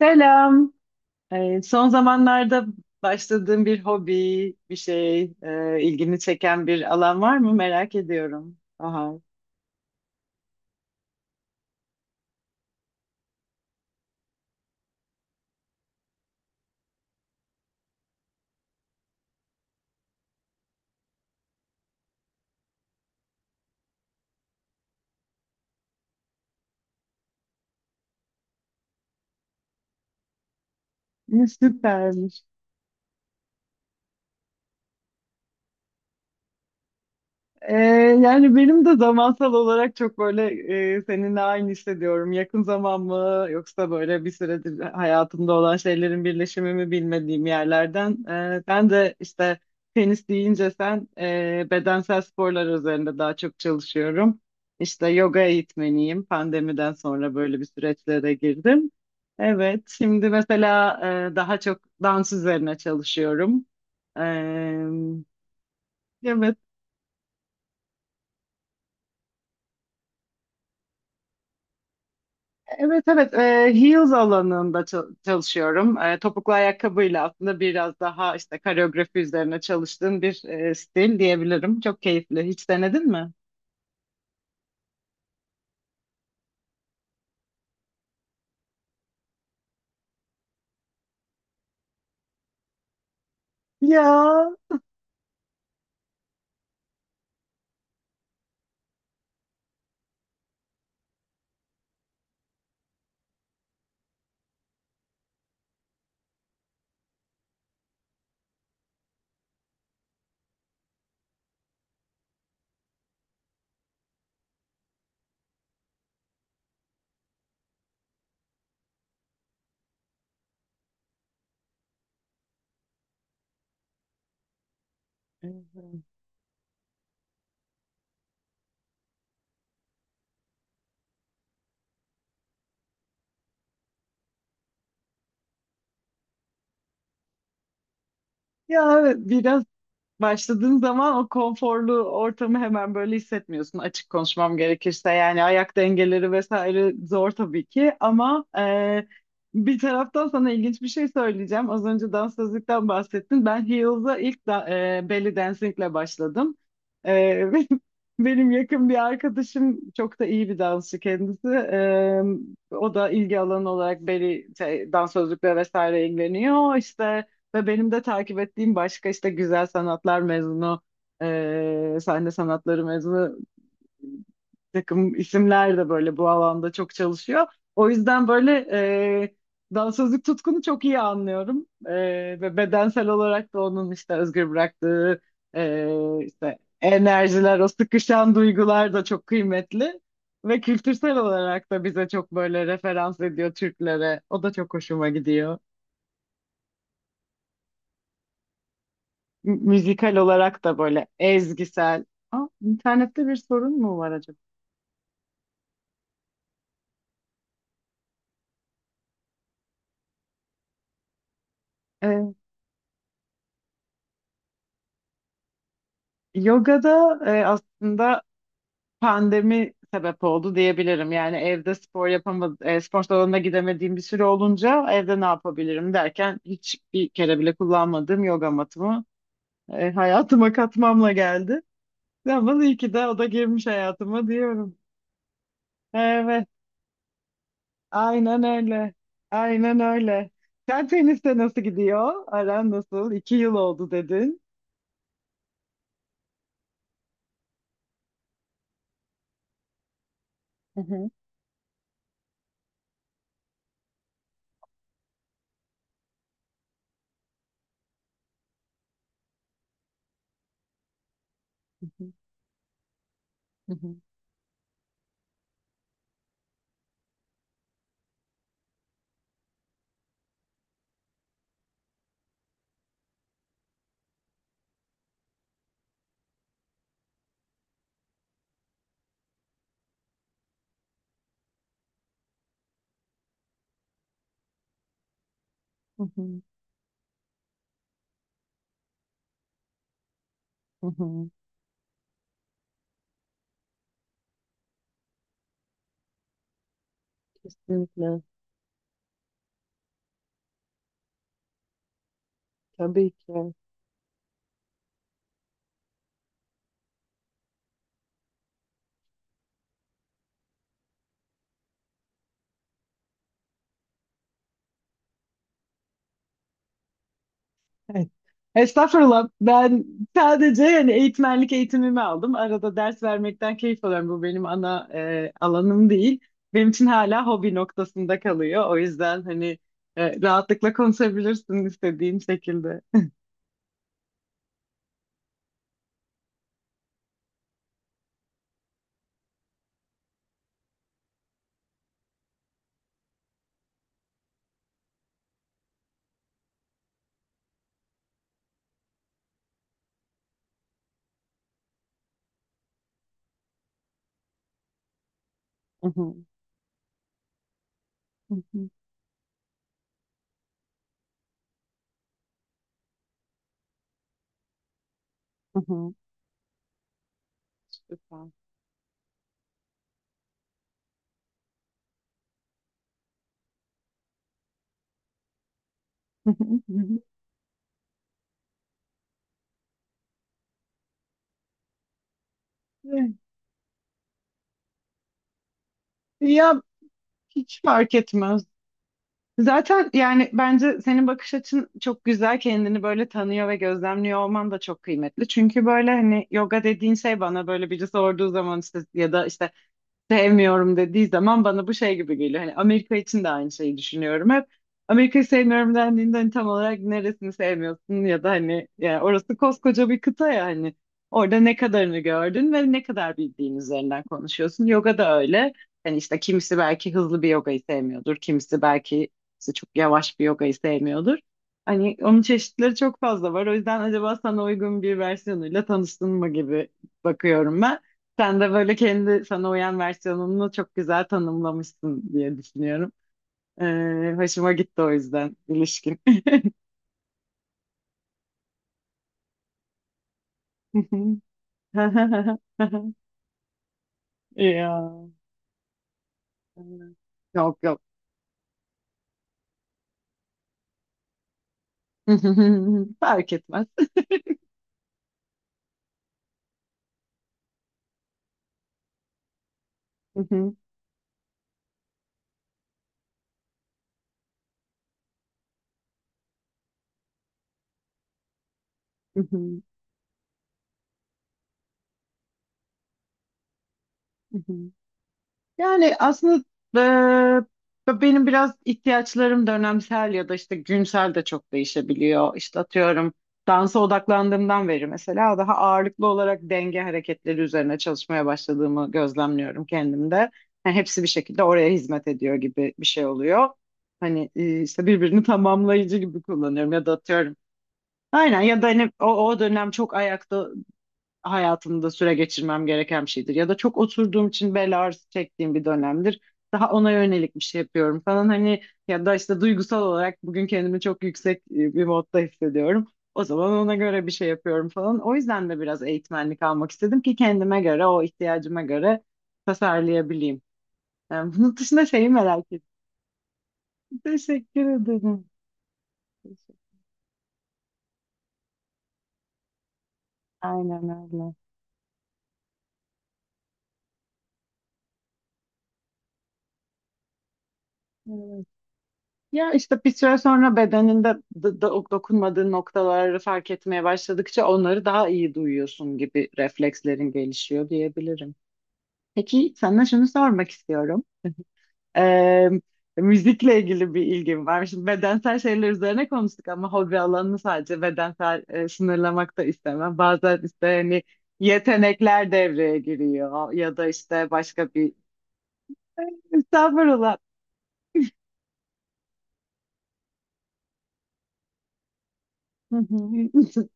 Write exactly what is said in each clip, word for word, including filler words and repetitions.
Selam. Ee, son zamanlarda başladığın bir hobi, bir şey, e, ilgini çeken bir alan var mı? Merak ediyorum. Aha, ne süpermiş. Ee, Yani benim de zamansal olarak çok böyle e, seninle aynı hissediyorum. Yakın zaman mı yoksa böyle bir süredir hayatımda olan şeylerin birleşimi mi bilmediğim yerlerden. Ee, ben de işte tenis deyince sen e, bedensel sporlar üzerinde daha çok çalışıyorum. İşte yoga eğitmeniyim. Pandemiden sonra böyle bir süreçlere girdim. Evet, şimdi mesela e, daha çok dans üzerine çalışıyorum. Ee, Evet Evet evet, e, heels alanında çal- çalışıyorum. E, topuklu ayakkabıyla aslında biraz daha işte koreografi üzerine çalıştığım bir e, stil diyebilirim. Çok keyifli. Hiç denedin mi? Ya, evet. Ya, evet, biraz, başladığın zaman o konforlu ortamı hemen böyle hissetmiyorsun açık konuşmam gerekirse. Yani ayak dengeleri vesaire zor tabii ki ama e, bir taraftan sana ilginç bir şey söyleyeceğim. Az önce sözlükten bahsettin. Ben Heels'a ilk da, e, belly dancingle başladım. E, benim yakın bir arkadaşım çok da iyi bir dansçı kendisi. E, o da ilgi alanı olarak belly şey, dans sözlükle vesaire ilgileniyor. İşte ve benim de takip ettiğim başka işte güzel sanatlar mezunu, e, sahne sanatları mezunu bir takım isimler de böyle bu alanda çok çalışıyor. O yüzden böyle e, dansözlük tutkunu çok iyi anlıyorum. E, ve bedensel olarak da onun işte özgür bıraktığı e, işte enerjiler, o sıkışan duygular da çok kıymetli. Ve kültürsel olarak da bize çok böyle referans ediyor Türklere. O da çok hoşuma gidiyor. Mü- müzikal olarak da böyle ezgisel. Aa, internette bir sorun mu var acaba? Ee, Yogada e, aslında pandemi sebep oldu diyebilirim. Yani evde spor yapamadım, spor salonuna gidemediğim bir süre olunca evde ne yapabilirim derken hiçbir kere bile kullanmadığım yoga matımı e, hayatıma katmamla geldi. Ama iyi ki de o da girmiş hayatıma diyorum. Evet. Aynen öyle. Aynen öyle. Sen teniste nasıl gidiyor? Aran nasıl? İki yıl oldu dedin. Hı hı. Hı hı. Hı hı. Hı hı. Kesinlikle. Tabii ki. Evet. Estağfurullah. Ben sadece yani eğitmenlik eğitimimi aldım. Arada ders vermekten keyif alıyorum. Bu benim ana e, alanım değil. Benim için hala hobi noktasında kalıyor. O yüzden hani e, rahatlıkla konuşabilirsin istediğin şekilde. Hı hı. Hı hı. Hı hı. Süper. Ya, hiç fark etmez. Zaten yani bence senin bakış açın çok güzel. Kendini böyle tanıyor ve gözlemliyor olman da çok kıymetli. Çünkü böyle hani yoga dediğin şey bana böyle biri sorduğu zaman işte ya da işte sevmiyorum dediği zaman bana bu şey gibi geliyor. Hani Amerika için de aynı şeyi düşünüyorum hep. Amerika'yı sevmiyorum dendiğinde hani tam olarak neresini sevmiyorsun ya da hani yani orası koskoca bir kıta ya hani orada ne kadarını gördün ve ne kadar bildiğin üzerinden konuşuyorsun. Yoga da öyle. Hani işte kimisi belki hızlı bir yogayı sevmiyordur, kimisi belki işte çok yavaş bir yogayı sevmiyordur. Hani onun çeşitleri çok fazla var. O yüzden acaba sana uygun bir versiyonuyla tanıştın mı gibi bakıyorum ben. Sen de böyle kendi sana uyan versiyonunu çok güzel tanımlamışsın diye düşünüyorum. Ee, hoşuma gitti o yüzden ilişkin. Ya. Yok, yok. Fark etmez. Yani aslında eee, benim biraz ihtiyaçlarım dönemsel ya da işte günsel de çok değişebiliyor. İşte atıyorum dansa odaklandığımdan beri mesela daha ağırlıklı olarak denge hareketleri üzerine çalışmaya başladığımı gözlemliyorum kendimde. Yani hepsi bir şekilde oraya hizmet ediyor gibi bir şey oluyor. Hani e, işte birbirini tamamlayıcı gibi kullanıyorum ya da atıyorum. Aynen ya da hani o, o dönem çok ayakta hayatımda süre geçirmem gereken bir şeydir. Ya da çok oturduğum için bel ağrısı çektiğim bir dönemdir. Daha ona yönelik bir şey yapıyorum falan hani ya da işte duygusal olarak bugün kendimi çok yüksek e, bir modda hissediyorum. O zaman ona göre bir şey yapıyorum falan. O yüzden de biraz eğitmenlik almak istedim ki kendime göre, o ihtiyacıma göre tasarlayabileyim. Yani bunun dışında şeyi merak ettim. Teşekkür ederim. Teşekkür- Aynen öyle. Evet. Ya işte bir süre sonra bedeninde d- d- dokunmadığın noktaları fark etmeye başladıkça onları daha iyi duyuyorsun gibi reflekslerin gelişiyor diyebilirim. Peki sana şunu sormak istiyorum. Ee, Müzikle ilgili bir ilgim var. Şimdi bedensel şeyler üzerine konuştuk ama hobi alanını sadece bedensel e, sınırlamak da istemem. Bazen işte hani yetenekler devreye giriyor ya da işte başka bir estağfurullah. Hı hı.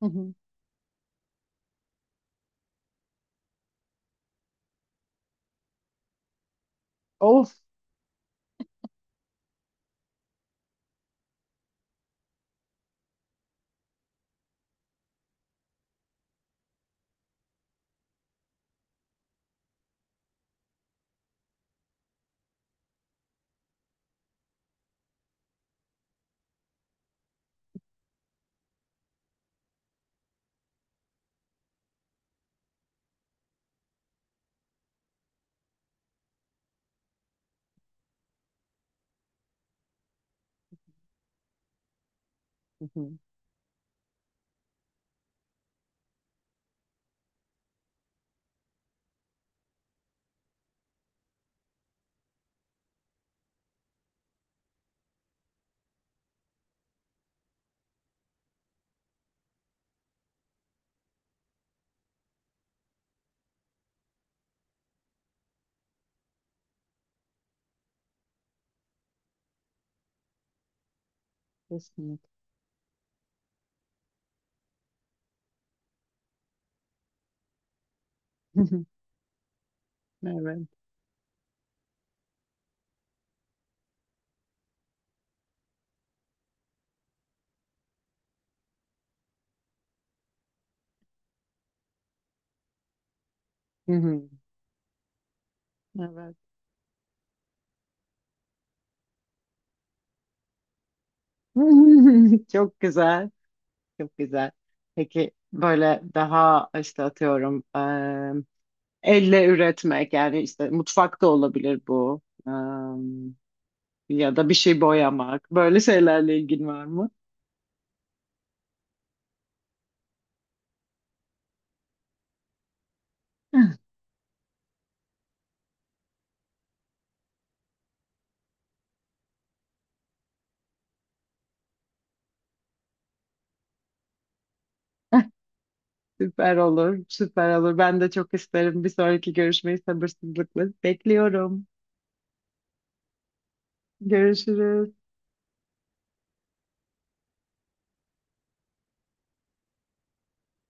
Of. Hı hı. Kesinlikle. Hı hı. Evet. Hı hı. Evet. Çok güzel. Çok güzel. Peki böyle daha işte atıyorum eee, elle üretmek yani işte mutfak da olabilir bu. Eee, Ya da bir şey boyamak. Böyle şeylerle ilgin var mı? Süper olur. Süper olur. Ben de çok isterim. Bir sonraki görüşmeyi sabırsızlıkla bekliyorum. Görüşürüz.